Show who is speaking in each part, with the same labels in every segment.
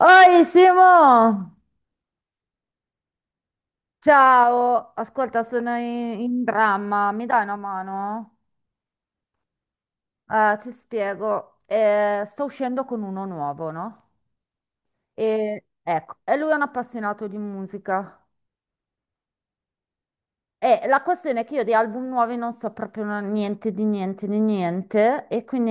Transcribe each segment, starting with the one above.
Speaker 1: Oi Simo! Ciao! Ascolta, sono in dramma, mi dai una mano? Ti spiego. Sto uscendo con uno nuovo, no? Ecco, e lui è un appassionato di musica. E la questione è che io di album nuovi non so proprio niente di niente di niente, e quindi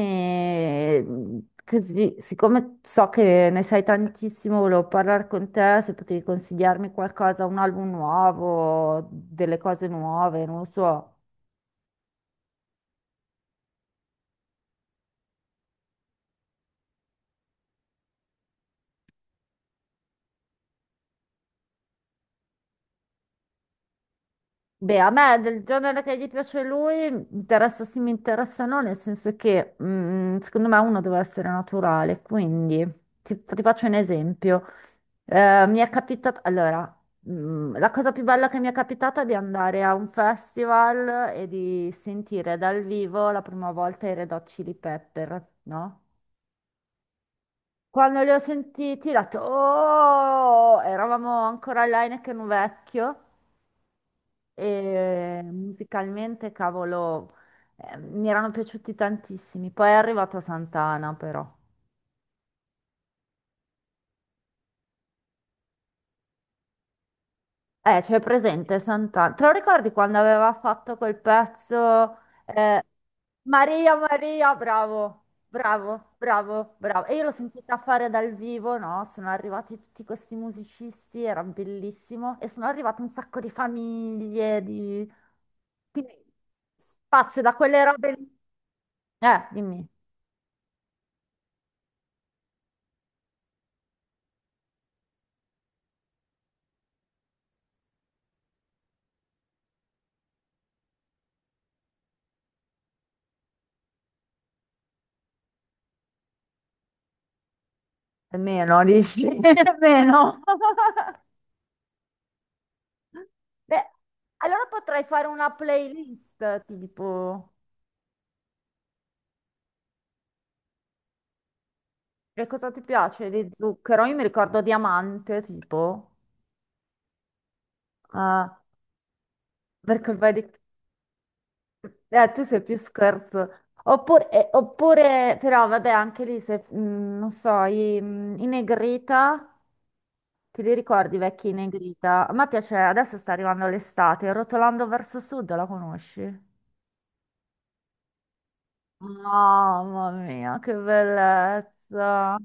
Speaker 1: così, siccome so che ne sai tantissimo, volevo parlare con te se potevi consigliarmi qualcosa, un album nuovo, delle cose nuove, non lo so. Beh, a me del genere che gli piace a lui interessa sì, mi interessa no, nel senso che secondo me uno deve essere naturale, quindi ti faccio un esempio. Mi è capitato, allora, la cosa più bella che mi è capitata è di andare a un festival e di sentire dal vivo la prima volta i Red Hot Chili Pepper, no? Quando li ho sentiti, ho detto, oh, eravamo ancora all'Heineken vecchio. E musicalmente, cavolo, mi erano piaciuti tantissimi. Poi è arrivato Santana, però. C'è presente Santana. Te lo ricordi quando aveva fatto quel pezzo? eh, Maria, Maria, bravo, bravo, bravo, bravo. E io l'ho sentita fare dal vivo, no? Sono arrivati tutti questi musicisti, era bellissimo. E sono arrivate un sacco di famiglie, di... Quindi spazio da quelle robe lì. Dimmi. Meno, dici? Meno. Beh, allora potrei fare una playlist, tipo, e cosa ti piace di zucchero? Io mi ricordo diamante, tipo, ah, perché vedi, tu sei più scherzo. Oppure, oppure, però, vabbè, anche lì, se, non so, i Negrita, ti li ricordi, i vecchi Negrita? A me piace, adesso sta arrivando l'estate, Rotolando verso sud, la conosci? Mamma mia, che bellezza.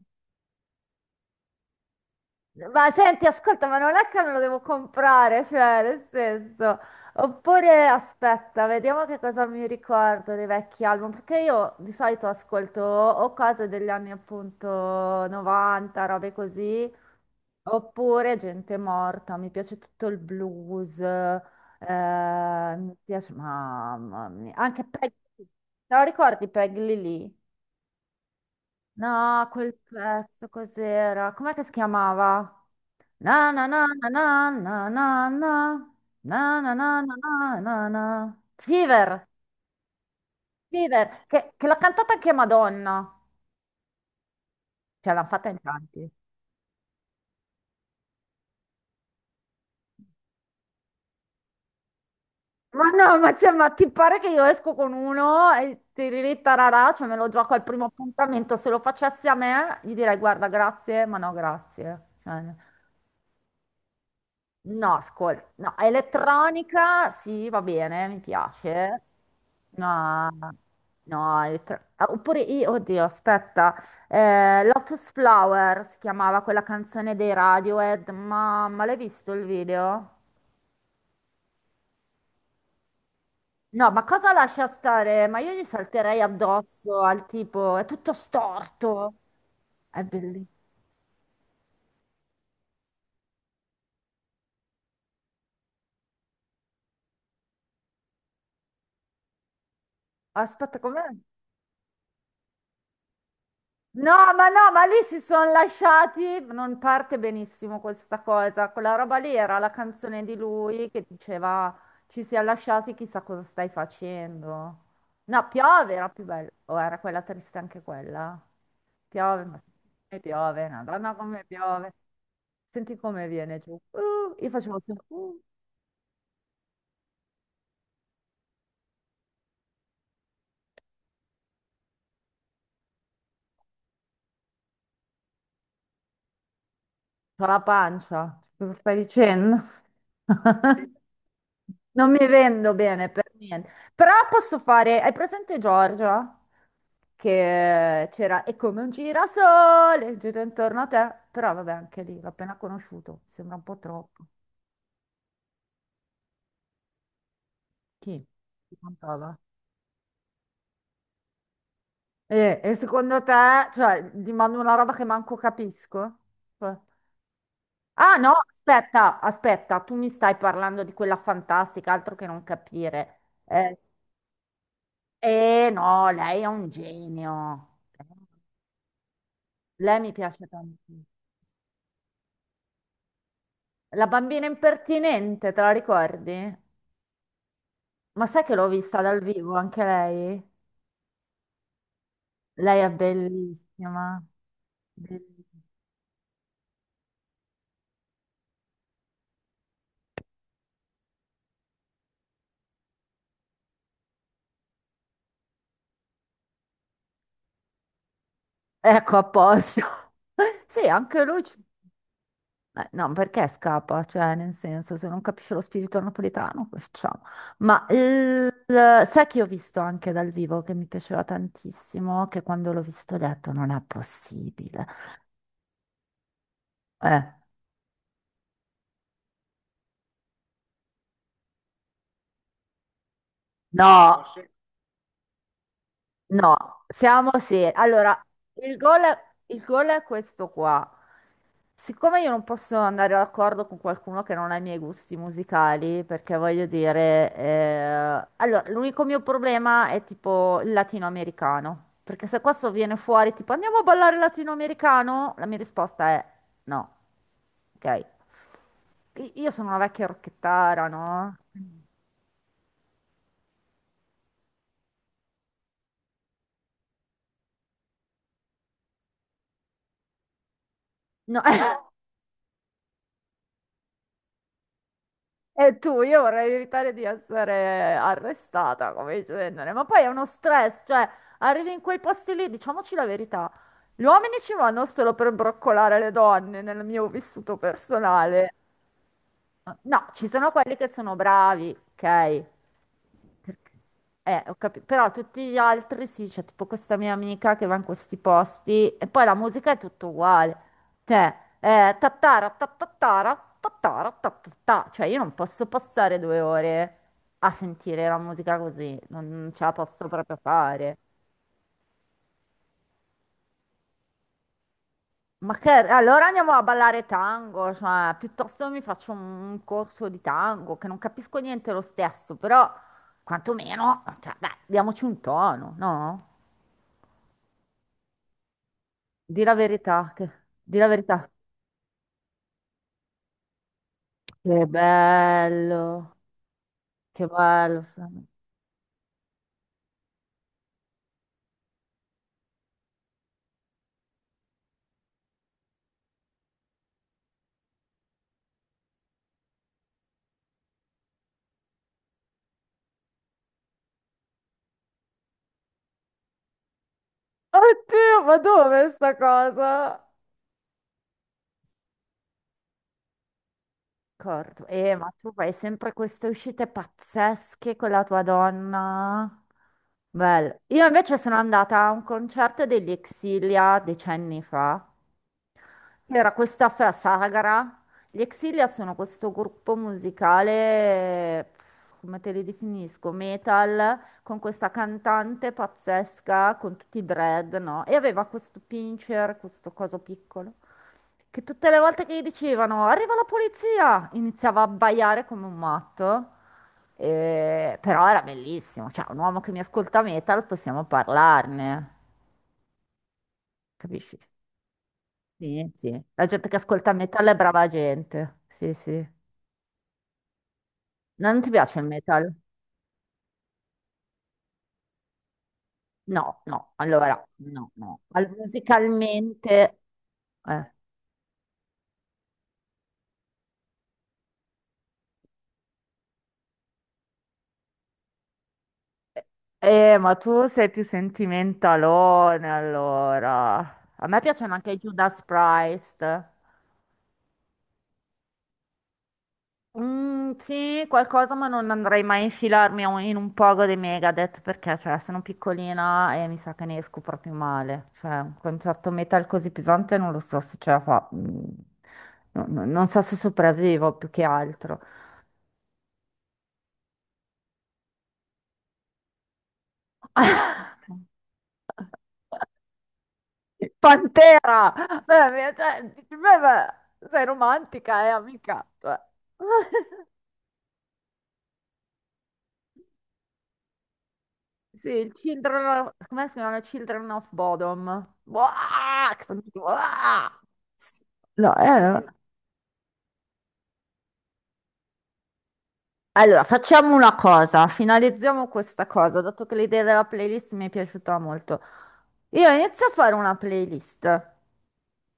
Speaker 1: Ma senti, ascolta, ma non è che me lo devo comprare, cioè, nel senso. Oppure aspetta, vediamo che cosa mi ricordo dei vecchi album, perché io di solito ascolto o cose degli anni appunto 90, robe così, oppure gente morta, mi piace tutto il blues, mi piace, mamma mia, anche Peg, te lo ricordi Peg Lily? No, quel pezzo cos'era? Com'è che si chiamava? Na na na na na na na na na na na na na na na. Fever, Fever, che l'ha cantata anche Madonna. Cioè, l'hanno fatta in tanti. Ma no, ma, cioè, ma ti pare che io esco con uno e tiriri tararà, cioè me lo gioco al primo appuntamento. Se lo facessi a me, gli direi guarda, grazie, ma no, grazie. Cioè, no, ascolta, no, elettronica sì, va bene, mi piace. No, no, ah, oppure io, oddio, aspetta, Lotus Flower si chiamava quella canzone dei Radiohead, ma l'hai visto il video? No, ma cosa lascia stare? Ma io gli salterei addosso al tipo, è tutto storto. È bellissimo. Aspetta, com'è? No, ma no, ma lì si sono lasciati, non parte benissimo questa cosa, quella roba lì era la canzone di lui che diceva ci si è lasciati, chissà cosa stai facendo. No, piove era più bella, o era quella triste anche quella? Piove, ma sì, piove, madonna come piove. Senti come viene giù. Io facevo sempre.... C'ho la pancia. Cosa stai dicendo? Non mi vendo bene per niente. Però posso fare. Hai presente Giorgia? Che c'era. È come un girasole, gira intorno a te. Però vabbè, anche lì l'ho appena conosciuto. Sembra un po' troppo. Chi? Chi cantava? E secondo te, cioè, gli mando una roba che manco capisco? Cioè, ah no, aspetta, aspetta, tu mi stai parlando di quella fantastica, altro che non capire. Eh no, lei è un genio. Lei mi piace tanto. La bambina impertinente, te la ricordi? Ma sai che l'ho vista dal vivo anche lei? Lei è bellissima. Bellissima. Ecco, a posto. Sì, anche lui. Ci- no, perché scappa? Cioè, nel senso, se non capisce lo spirito napoletano, cosa facciamo? Ma il- sai che ho visto anche dal vivo che mi piaceva tantissimo, che quando l'ho visto ho detto non è possibile. Eh, No, forse? No, siamo seri. Allora, il gol, il gol è questo qua. Siccome io non posso andare d'accordo con qualcuno che non ha i miei gusti musicali, perché voglio dire, allora, l'unico mio problema è tipo il latinoamericano. Perché se questo viene fuori tipo andiamo a ballare latinoamericano, la mia risposta è no. Ok. Io sono una vecchia rocchettara, no? No. E tu, io vorrei evitare di essere arrestata come genere, ma poi è uno stress, cioè arrivi in quei posti lì, diciamoci la verità, gli uomini ci vanno solo per broccolare le donne nel mio vissuto personale. No, ci sono quelli che sono bravi, ok? Perché- eh, ho capito. Però tutti gli altri sì, c'è tipo questa mia amica che va in questi posti e poi la musica è tutto uguale. Cioè, tattara, tattattara, tattara, tattattà. Cioè, io non posso passare due ore a sentire la musica così, non ce la posso proprio fare. Ma che, allora andiamo a ballare tango, cioè, piuttosto mi faccio un corso di tango, che non capisco niente lo stesso, però quantomeno, cioè, dai, diamoci un tono, no? Di la verità, che... di la verità. Che bello, che bello. Flavio. Oddio, ma dove è sta cosa? Corto. Ma tu fai sempre queste uscite pazzesche con la tua donna. Bello. Io invece sono andata a un concerto degli Exilia decenni fa. Era questa festa sagra. Gli Exilia sono questo gruppo musicale, come te li definisco, metal, con questa cantante pazzesca, con tutti i dread, no? E aveva questo pincher, questo coso piccolo, che tutte le volte che gli dicevano arriva la polizia, iniziava a abbaiare come un matto. Però era bellissimo, cioè un uomo che mi ascolta metal, possiamo parlarne, capisci? Sì, sì. La gente che ascolta metal è brava gente. Sì, sì. No, non ti piace il metal? No, no. Allora, no, no. Al- musicalmente... Eh. Ma tu sei più sentimentalone, allora. A me piacciono anche i Judas Priest. Mm, sì, qualcosa, ma non andrei mai a infilarmi a un- in un pogo dei Megadeth perché, cioè, sono piccolina e mi sa che ne esco proprio male. Cioè, un concerto metal così pesante non lo so se ce la fa. Non so se sopravvivo più che altro. Pantera! Beh, cioè, dici, beh, sei romantica, amica. Cioè. Sì, il come si chiama? Children of Bodom. Buah, che fanno tutti, buah. No, no, no. Allora, facciamo una cosa, finalizziamo questa cosa, dato che l'idea della playlist mi è piaciuta molto. Io inizio a fare una playlist.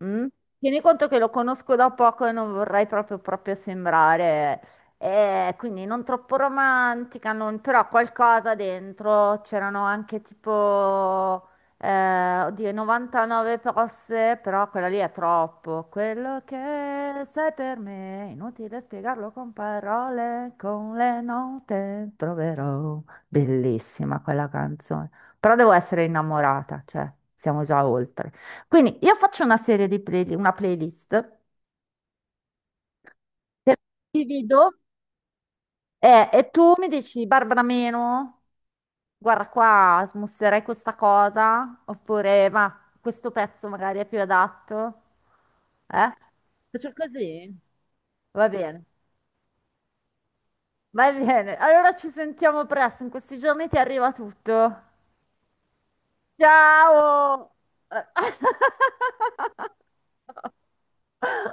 Speaker 1: Mm? Tieni conto che lo conosco da poco e non vorrei proprio sembrare, quindi non troppo romantica, non- però qualcosa dentro. C'erano anche tipo, oddio, 99 posse, però quella lì è troppo. Quello che sei per me, inutile spiegarlo con parole, con le note troverò. Bellissima quella canzone, però devo essere innamorata, cioè siamo già oltre. Quindi io faccio una serie di una playlist, te la divido e tu mi dici, Barbara meno, guarda qua, smusserei questa cosa, oppure ma questo pezzo magari è più adatto. Eh? Faccio così? Va bene, va bene. Allora ci sentiamo presto, in questi giorni ti arriva tutto. Ciao!